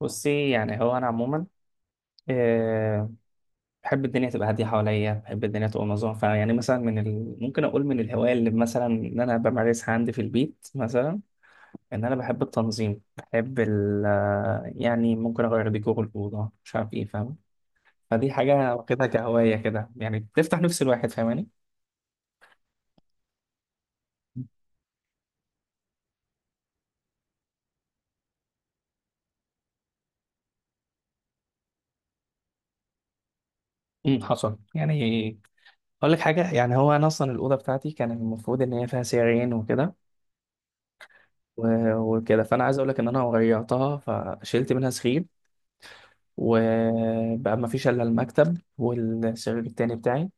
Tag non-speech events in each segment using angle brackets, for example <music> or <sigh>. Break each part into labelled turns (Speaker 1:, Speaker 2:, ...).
Speaker 1: بصي، يعني هو انا عموما آه، بحب الدنيا تبقى هاديه حواليا. بحب الدنيا تبقى منظمه. فيعني مثلا ممكن اقول من الهوايه اللي مثلا ان انا بمارسها عندي في البيت مثلا. ان انا بحب التنظيم، بحب ال... آه، يعني ممكن اغير ديكور الاوضه، مش عارف ايه، فاهم؟ فدي حاجه واخدها كهوايه كده، يعني بتفتح نفس الواحد، فاهماني؟ حصل يعني. اقول لك حاجه، يعني هو انا اصلا الاوضه بتاعتي كان المفروض ان هي فيها سريرين وكده وكده، فانا عايز اقول لك ان انا غيرتها، فشلت منها سرير، وبقى ما فيش الا المكتب والسرير التاني بتاعي.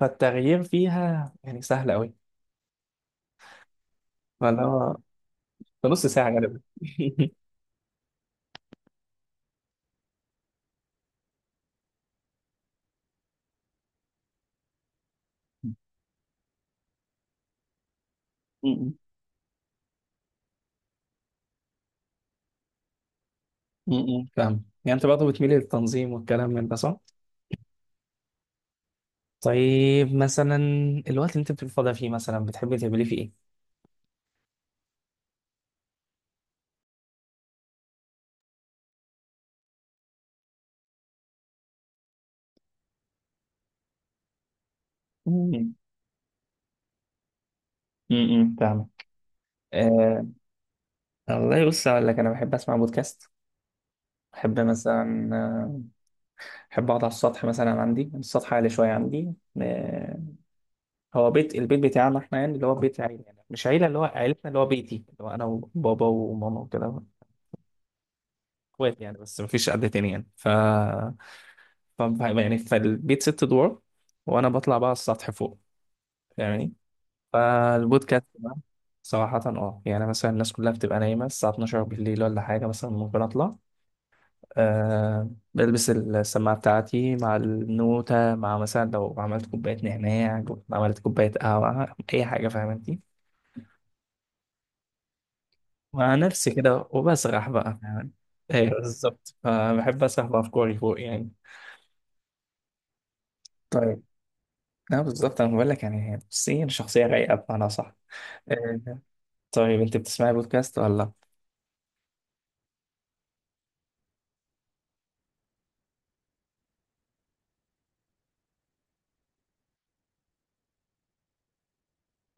Speaker 1: فالتغيير فيها يعني سهل قوي. فاللي هو في نص ساعة غالبا. <laughs> م- م- م. فاهم؟ يعني انت برضه بتميل للتنظيم والكلام من ده، صح؟ طيب مثلا، الوقت اللي انت بتبقى فاضي فيه مثلا، بتحبي تعملي فيه ايه؟ م- فاهمك. آه، والله بص أقول لك، أنا بحب أسمع بودكاست. بحب مثلا، بحب أقعد على السطح مثلا، عندي السطح عالي شوية عندي. آه، هو بيت، البيت بتاعنا احنا يعني، اللي هو بيت عيلة، يعني مش عيلة، اللي هو عيلتنا، اللي هو بيتي، اللي هو انا وبابا وماما وكده. اخوات يعني، بس مفيش حد تاني يعني. ف... ف يعني فالبيت ست ادوار، وانا بطلع بقى السطح فوق يعني. فالبودكاست بقى، صراحة اه، يعني مثلا الناس كلها بتبقى نايمة الساعة 12 بالليل ولا حاجة مثلا، ممكن اطلع، أه بلبس السماعة بتاعتي، مع النوتة، مع مثلا لو عملت كوباية نعناع، عملت كوباية قهوة، أي حاجة، فاهم انت؟ مع نفسي كده، وبسرح بقى يعني. ايه بالظبط، فبحب اسرح بافكاري فوق يعني. طيب لا بالظبط، انا بقول لك يعني، بصي انا شخصيه رايقه بمعنى، صح؟ إيه. طيب انت بتسمعي بودكاست ولا؟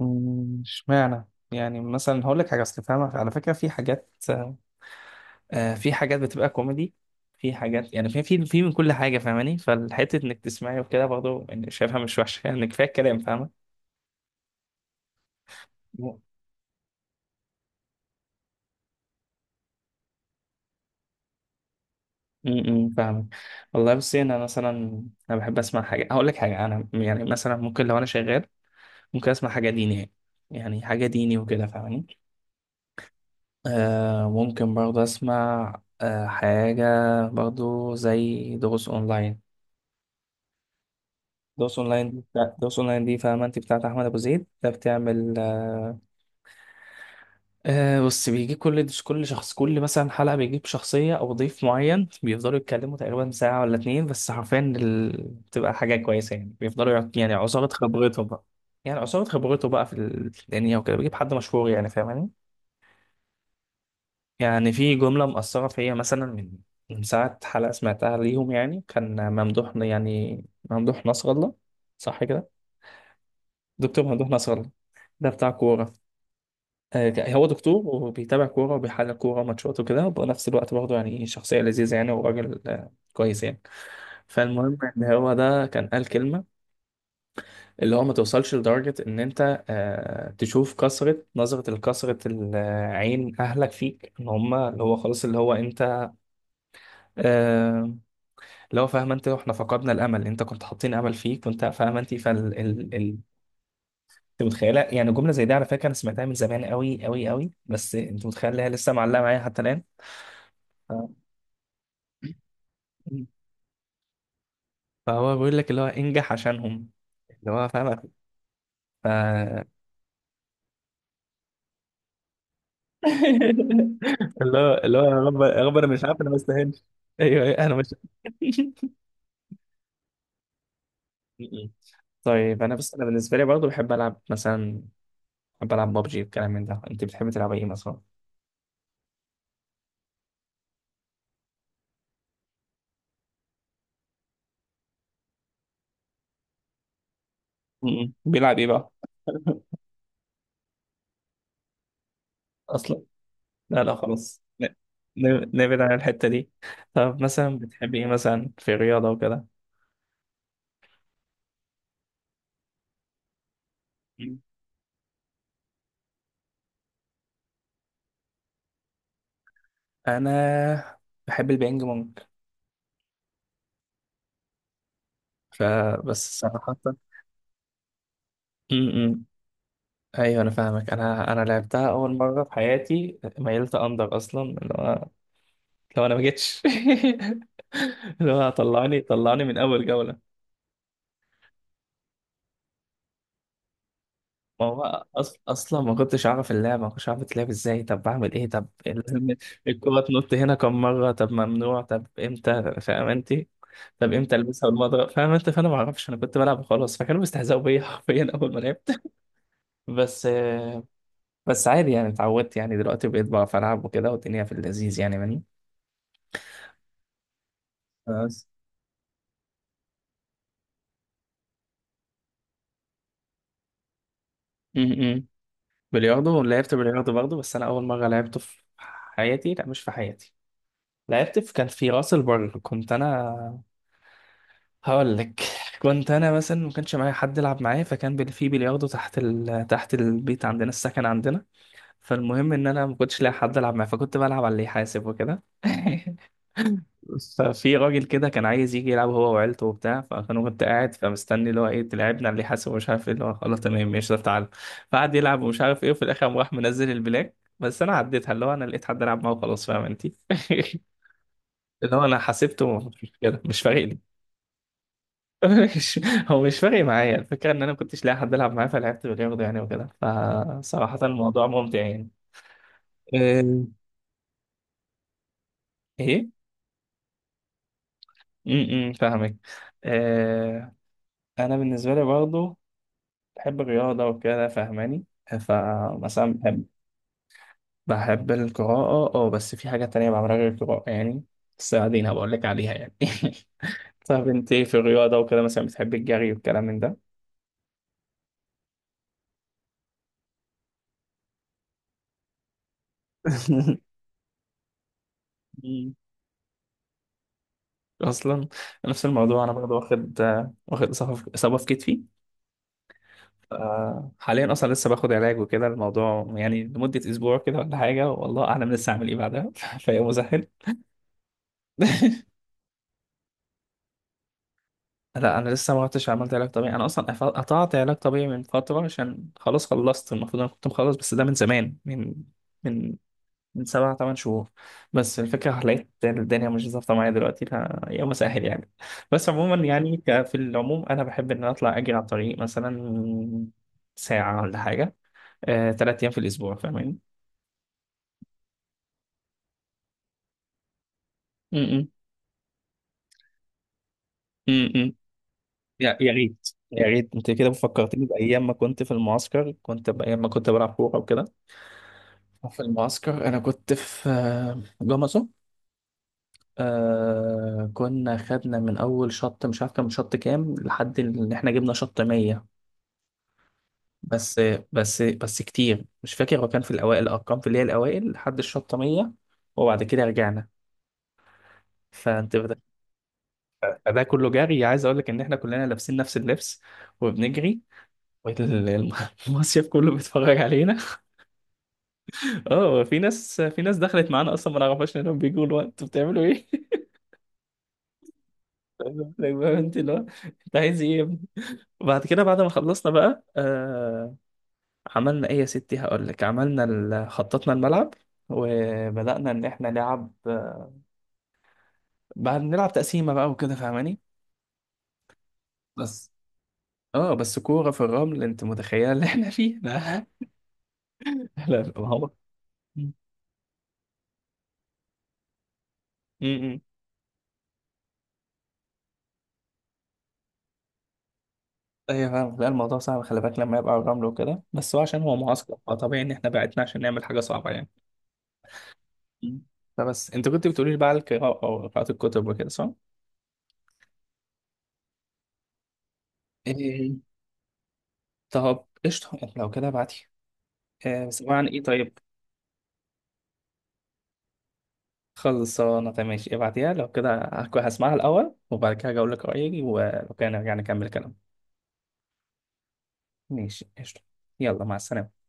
Speaker 1: اشمعنى؟ يعني مثلا هقول لك حاجه، اصل فاهمه على فكره، في حاجات، في حاجات بتبقى كوميدي، في حاجات يعني، في من كل حاجه فاهماني. فالحته انك تسمعي وكده برضه، يعني شايفها مش وحشه يعني، كفايه الكلام، فاهمه؟ فاهم. والله بصي انا مثلا، انا بحب اسمع حاجه، هقول لك حاجه، انا يعني مثلا ممكن لو انا شغال، ممكن اسمع حاجه دينيه، يعني حاجه ديني وكده فاهماني. آه ممكن برضه اسمع آه حاجه برضه، زي دروس اونلاين. دروس اونلاين دي دروس اونلاين دي فاهمه انت، بتاعت احمد ابو زيد ده، بتعمل آه. بص بيجي كل شخص، كل مثلا حلقة بيجيب شخصية أو ضيف معين، بيفضلوا يتكلموا تقريبا ساعة ولا اتنين، بس حرفيا بتبقى حاجة كويسة يعني. بيفضلوا يعني عصارة خبرته بقى، يعني عصارة خبرته بقى في الدنيا وكده، بيجيب حد مشهور يعني فاهماني. يعني في جملة مأثرة فيا، مثلا من من ساعة حلقة سمعتها ليهم، يعني كان ممدوح يعني، ممدوح نصر الله، صح كده، دكتور ممدوح نصر الله. ده بتاع كورة، هو دكتور وبيتابع كورة وبيحلل كورة ماتشات وكده، وبنفس الوقت برضه يعني شخصية لذيذة يعني، وراجل كويس يعني. فالمهم ان هو ده كان قال كلمة، اللي هو ما توصلش لدرجة ان انت تشوف كثرة نظرة الكثرة العين اهلك فيك، ان هم اللي هو خلاص، اللي هو انت، آه، اللي هو فاهم انت، احنا فقدنا الامل، انت كنت حاطين امل فيك وانت فاهم انت، انت متخيله يعني جمله زي دي؟ على فكره انا سمعتها من زمان قوي قوي قوي، بس انت متخيل إن هي لسه معلقه معايا حتى الان. مم. فهو بيقول لك اللي هو انجح عشانهم، اللي هو فاهم. ف... اللي هو اللي هو يا رب يا رب، انا مش عارف، انا ما استاهلش. ايوه أيوة، انا مش <laughs> مم. طيب انا بس، انا بالنسبه لي برضه بحب العب مثلا، بحب العب ببجي والكلام من ده، انت بتحب تلعب ايه مثلا؟ مم. بيلعب ايه بقى؟ اصلا، لا لا خلاص نبعد عن الحته دي. <laughs> طب مثلا بتحب ايه مثلا في الرياضه وكده؟ مم. انا بحب البينج بونج، فبس صراحه. م-م. ايوه انا فاهمك. انا انا لعبتها اول مره في حياتي، ميلت اندر اصلا، اللي هو لو انا ما جيتش <laughs> اللي هو طلعني من اول جوله. ما هو اصلا ما كنتش اعرف اللعبه، ما كنتش اعرف تلعب ازاي، طب بعمل ايه، طب لازم الكره تنط هنا كم مره، طب ممنوع، طب امتى، فاهم انت؟ طب امتى البسها والمضرب، فاهم انت؟ فانا ما اعرفش، انا كنت بلعب وخلاص، فكانوا بيستهزئوا بيا <laughs> حرفيا اول ما لعبت. بس بس عادي يعني، اتعودت يعني، دلوقتي بقيت بعرف العب وكده، والدنيا في اللذيذ يعني. مني. امم بلياردو لعبت بلياردو برضه، بس انا اول مره لعبته في حياتي، لا مش في حياتي، لعبت في، كان في راس البر، كنت انا هقول لك. <laughs> كنت انا مثلا ما كانش معايا حد يلعب معايا، في بلياردو تحت تحت البيت عندنا، السكن عندنا. فالمهم ان انا ما كنتش لاقي حد العب معاه، فكنت بلعب على اللي يحاسب وكده. <laughs> ففي راجل كده كان عايز يجي يلعب هو وعيلته وبتاع، فانا كنت قاعد فمستني، اللي هو ايه تلعبنا اللي حاسب ومش عارف ايه، اللي هو خلاص تمام ماشي، طب تعالى. فقعد يلعب ومش عارف ايه، وفي الاخر قام راح منزل البلاك، بس انا عديتها، اللي هو انا لقيت حد العب معاه وخلاص، فاهم انت؟ <laughs> اللي هو انا حسبته مش كده، مش فارق لي. <laughs> مش- هو مش فارق معايا الفكره، ان انا ما كنتش لاقي حد العب معاه، فلعبت بالياخده يعني وكده. فصراحه الموضوع ممتع يعني. أه، ايه. إمم، فاهمك. أه، انا بالنسبه لي برضه بحب الرياضة وكده، فاهماني؟ فمثلا بحب، بحب القراءة اه، بس في حاجة تانية بعملها غير القراءة يعني، بس بعدين هبقول لك عليها يعني. <laughs> طب انت في الرياضة وكده مثلا، بتحب الجري والكلام من ده؟ <laughs> مم. أصلا نفس الموضوع، أنا برضه واخد واخد إصابة، في إصابة في كتفي، حاليا أصلا لسه باخد علاج وكده، الموضوع يعني لمدة أسبوع كده ولا حاجة، والله أعلم لسه هعمل إيه بعدها. <laughs> فهي مزهل. <laughs> لا انا لسه ما رحتش عملت علاج طبيعي، انا اصلا قطعت علاج طبيعي من فتره، عشان خلاص خلصت، المفروض انا كنت مخلص، بس ده من زمان، من من من سبع ثمان شهور. بس الفكره لقيت الدنيا مش ظابطه معايا دلوقتي، لا يوم سهل يعني. بس عموما يعني في العموم انا بحب ان أنا اطلع اجري على الطريق مثلا، ساعه ولا حاجه، ثلاث ايام في الاسبوع، فاهمين؟ م- م- م- م. يا يا ريت، يا ريت، انت كده فكرتني بايام ما كنت في المعسكر، كنت بايام ما كنت بلعب كوره وكده. في المعسكر انا كنت في جمصة. آه كنا خدنا من اول شط مش عارف كان شط كام، لحد ان احنا جبنا شط 100. بس بس كتير مش فاكر، هو كان في الاوائل الارقام، في اللي هي الاوائل لحد الشط 100، وبعد كده رجعنا. فانت بت- فده كله جري، عايز اقول لك ان احنا كلنا لابسين نفس اللبس وبنجري، والمصيف <laughs> كله بيتفرج علينا. اه في ناس، في ناس دخلت معانا اصلا ما نعرفهاش، انهم بيجوا الوقت انتوا بتعملوا ايه. أيوة، أيوة، انت لا انت عايز ايه يا ابني؟ وبعد كده بعد ما خلصنا بقى آه، عملنا ايه يا ستي هقول لك، عملنا خططنا الملعب، وبدأنا ان احنا نلعب بعد نلعب تقسيمة بقى وكده، فاهماني؟ بس اه بس كورة في الرمل، انت متخيلة اللي احنا فيه؟ <laughs> لا لا ما هو، م- م. ايوه فاهم. لا الموضوع صعب، خلي بالك لما يبقى على الرمل وكده، بس هو عشان هو معسكر، فطبيعي ان احنا بعتنا عشان نعمل حاجة صعبة يعني. م. فبس انت كنت بتقولي لي بقى على القراءة، او قراءة الكتب وكده، صح؟ إيه. طب قشطة لو كده ابعتي، بس عبارة عن ايه طيب؟ خلصانة تمام ماشي، ابعتيها لو كده، هسمعها الأول، وبعد كده هقول لك رأيي، ولو كده نرجع نكمل كلام. ماشي قشطة. يلا مع السلامة.